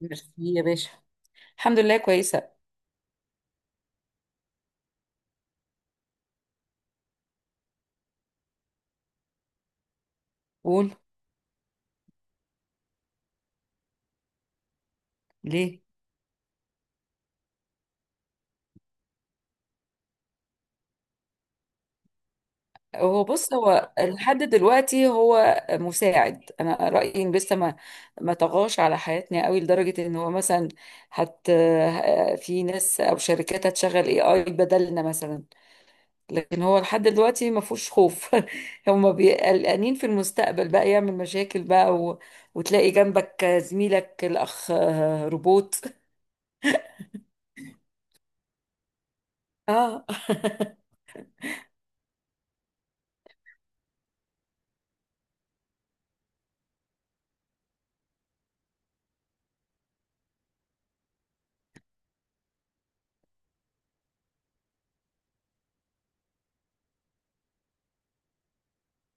ميرسي يا باشا. الحمد لله كويسة. قول. ليه. هو بص، هو لحد دلوقتي هو مساعد. انا رأيي ان لسه ما طغاش على حياتنا قوي لدرجة ان هو مثلا هت في ناس او شركات هتشغل اي اي بدلنا مثلا. لكن هو لحد دلوقتي ما فيهوش خوف. هم قلقانين في المستقبل، بقى يعمل مشاكل بقى. وتلاقي جنبك زميلك الاخ روبوت. اه.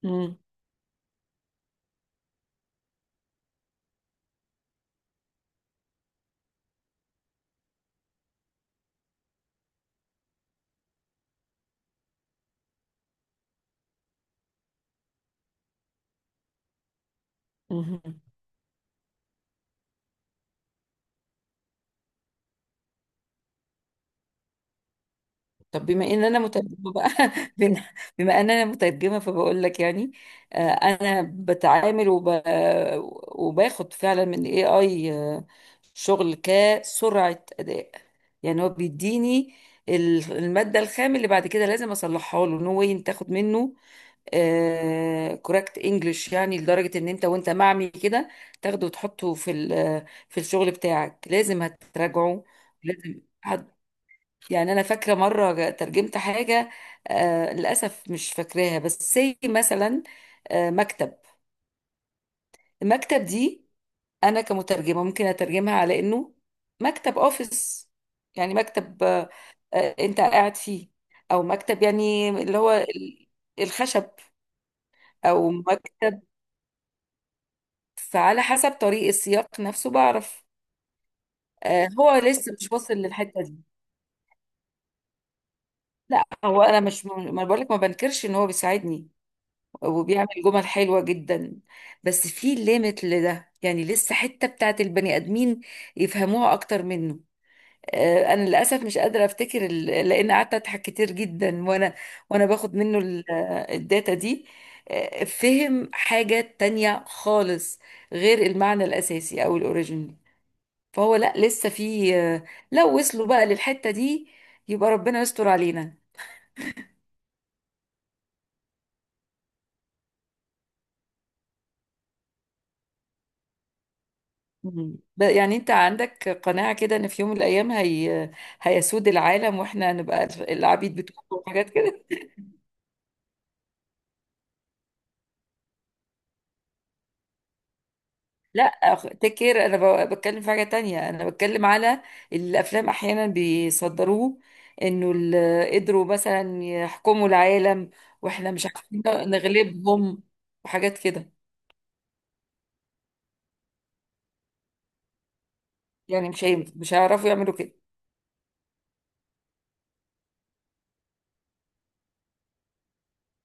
مم. طب بما ان انا مترجمه بقى. بن- بما ان انا مترجمه فبقول لك يعني. انا بتعامل وباخد فعلا من الاي اي شغل كسرعه اداء. يعني هو بيديني الماده الخام اللي بعد كده لازم اصلحها له. نو واي تاخد منه كوركت انجلش. يعني لدرجه ان انت وانت معمي كده تاخده وتحطه في في الشغل بتاعك، لازم هتراجعه. لازم. يعني انا فاكره مره ترجمت حاجه. للاسف مش فاكراها، بس سي مثلا. مكتب. المكتب دي انا كمترجمه ممكن اترجمها على انه مكتب اوفيس، يعني مكتب انت قاعد فيه، او مكتب يعني اللي هو الخشب، او مكتب. فعلى حسب طريق السياق نفسه بعرف. هو لسه مش واصل للحته دي. لا هو، انا مش، ما بقولك، ما بنكرش ان هو بيساعدني وبيعمل جمل حلوة جدا. بس في ليميت لده. يعني لسه حتة بتاعت البني آدمين يفهموها أكتر منه. أنا للأسف مش قادرة أفتكر لأن قعدت أضحك كتير جدا وأنا، وأنا باخد منه الداتا دي فهم حاجة تانية خالص، غير المعنى الأساسي أو الأوريجينال. فهو لا، لسه في. لو وصلوا بقى للحتة دي، يبقى ربنا يستر علينا. مم. يعني انت عندك قناعة كده ان في يوم من الايام هي هيسود العالم واحنا هنبقى العبيد بتوعه وحاجات كده؟ لا. تيك كير. انا بتكلم في حاجة تانية. انا بتكلم على الافلام، احيانا بيصدروه انه قدروا مثلا يحكموا العالم واحنا مش عارفين نغلبهم، وحاجات كده. يعني مش هيعرفوا يعملوا كده.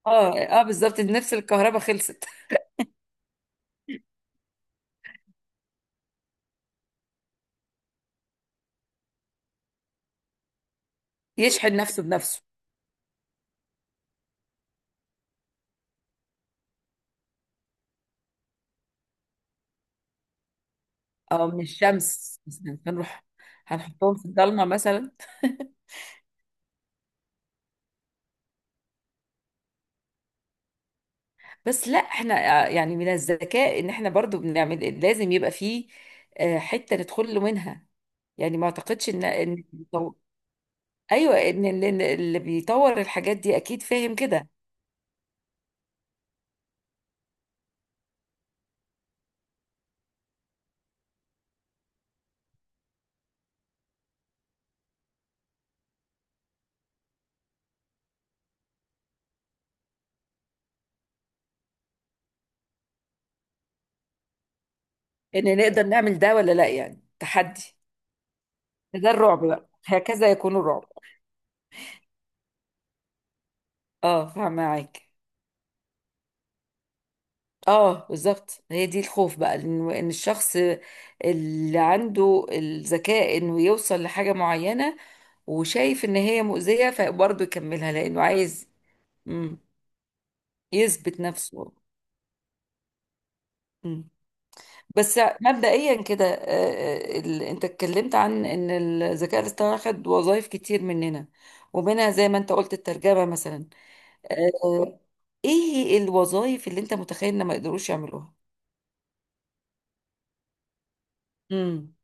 اه، اه، بالظبط، نفس الكهرباء خلصت. يشحن نفسه بنفسه، او من الشمس مثلا. هنروح هنحطهم في الضلمه مثلا. بس لا، احنا يعني من الذكاء ان احنا برضو بنعمل، لازم يبقى فيه حته ندخل له منها. يعني ما اعتقدش ان. ايوه، إن اللي بيطور الحاجات دي اكيد فاهم كده. ان نقدر نعمل ده ولا لا، يعني تحدي. ده الرعب بقى، هكذا يكون الرعب. اه، فاهمه معاك. اه بالظبط، هي دي الخوف بقى، إن الشخص اللي عنده الذكاء، انه يوصل لحاجة معينة وشايف ان هي مؤذية فبرضه يكملها لانه عايز مم، يثبت نفسه. مم. بس مبدئيا كده، انت اتكلمت عن ان الذكاء الاصطناعي خد وظائف كتير مننا، ومنها زي ما انت قلت الترجمة مثلا. آه، ايه الوظائف اللي انت متخيل ان ما يقدروش يعملوها؟ مم.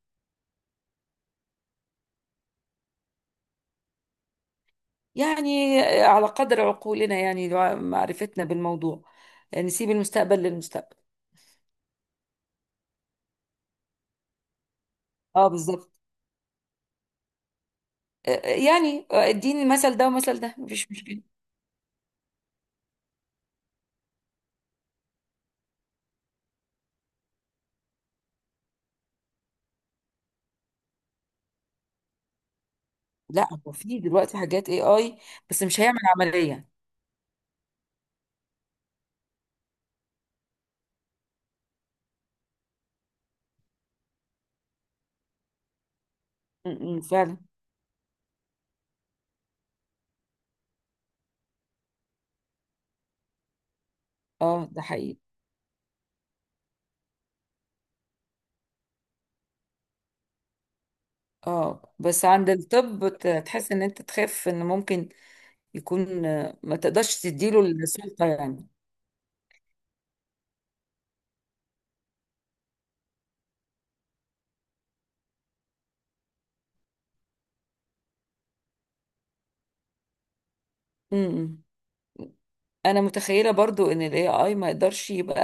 يعني على قدر عقولنا، يعني معرفتنا بالموضوع. نسيب المستقبل للمستقبل. اه بالظبط. يعني اديني المثل ده، ومثل ده مفيش مشكلة. لا، هو في دلوقتي حاجات اي اي، بس مش هيعمل عملية. م- م، فعلا. اه، ده حقيقي. اه، بس عند الطب تحس ان انت تخاف ان ممكن يكون، ما تقدرش تديله السلطة يعني. امم انا متخيله برضو ان الاي اي ما يقدرش يبقى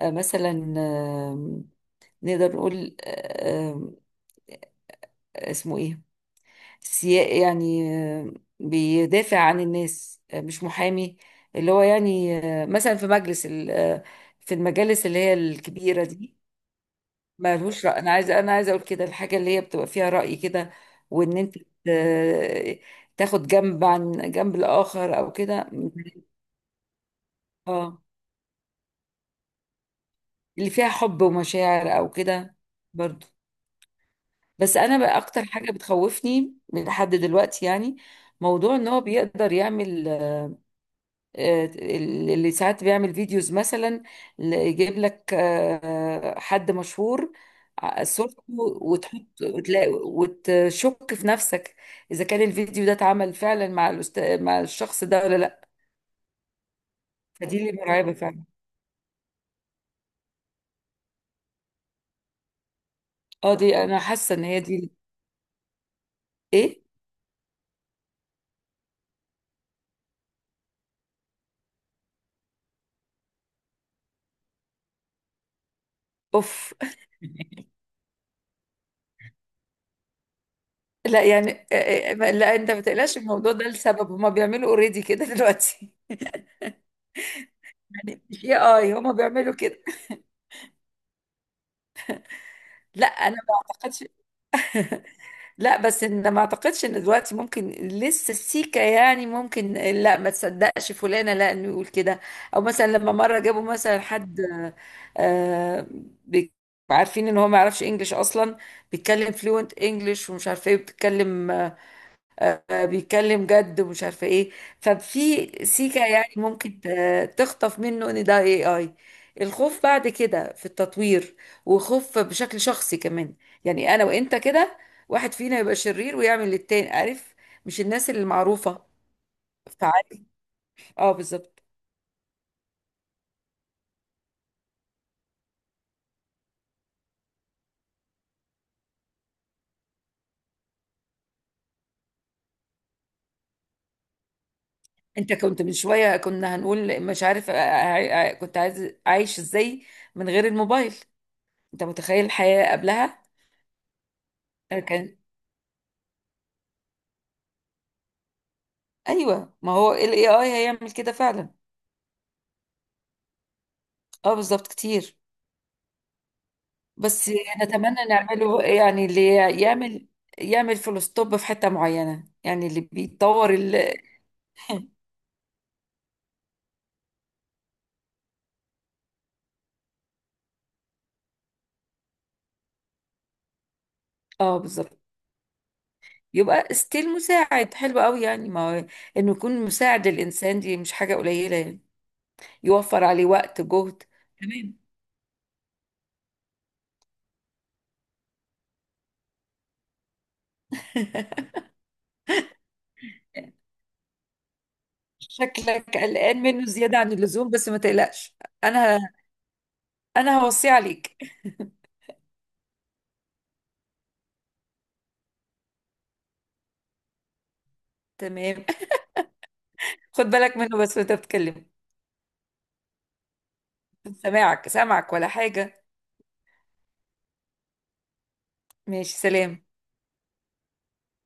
مثلا. نقدر نقول اسمه ايه؟ سيا يعني. آه، بيدافع عن الناس، مش محامي، اللي هو يعني مثلا في مجلس في المجالس اللي هي الكبيرة دي. مالهوش رأي. انا عايزه اقول كده، الحاجة اللي هي بتبقى فيها رأي كده، وان انت آه، تاخد جنب عن جنب الآخر او كده. اه. اللي فيها حب ومشاعر او كده، برضو. بس انا بقى اكتر حاجه بتخوفني من لحد دلوقتي يعني، موضوع ان هو بيقدر يعمل اللي ساعات بيعمل فيديوز مثلا، يجيب لك حد مشهور، صورته وتحط، وتلاقي وتشك في نفسك اذا كان الفيديو ده اتعمل فعلا مع الشخص ده ولا لا. فدي اللي مرعبه فعلا. اه، دي انا حاسه ان هي دي. ايه. اوف. لا يعني لا انت ما تقلقش، الموضوع ده لسبب هما بيعملوا اوريدي كده. دلوقتي مش اي اي هما بيعملوا كده. لا، انا ما اعتقدش. لا، بس ان ما اعتقدش ان دلوقتي ممكن، لسه السيكه، يعني ممكن لا ما تصدقش فلانه لا انه يقول كده. او مثلا لما مره جابوا مثلا حد، آه بي- عارفين ان هو ما يعرفش انجليش اصلا، بيتكلم فلوينت انجليش ومش عارفه ايه بيتكلم. بيتكلم جد ومش عارفه ايه. ففي سيكه يعني ممكن تخطف منه ان ده اي اي. الخوف بعد كده في التطوير، وخوف بشكل شخصي كمان. يعني انا وانت كده، واحد فينا يبقى شرير ويعمل للتاني، عارف، مش الناس اللي معروفه، فعارف. اه بالظبط. انت كنت من شويه كنا هنقول مش عارف كنت عايش ازاي من غير الموبايل؟ انت متخيل الحياه قبلها؟ أنا كان. ايوه، ما هو الاي اي هيعمل كده فعلا. اه بالظبط، كتير. بس نتمنى نعمله، يعني اللي يعمل يعمل فول ستوب في حتة معينة، يعني اللي بيطور. اه بالظبط. يبقى ستيل مساعد حلو قوي، يعني ما هو انه يكون مساعد للانسان دي مش حاجة قليلة يعني، يوفر عليه وقت جهد. تمام. شكلك قلقان منه زيادة عن اللزوم، بس ما تقلقش. انا انا هوصيه عليك. تمام. خد بالك منه بس وانت بتتكلم. سامعك سامعك ولا حاجة. ماشي. سلام.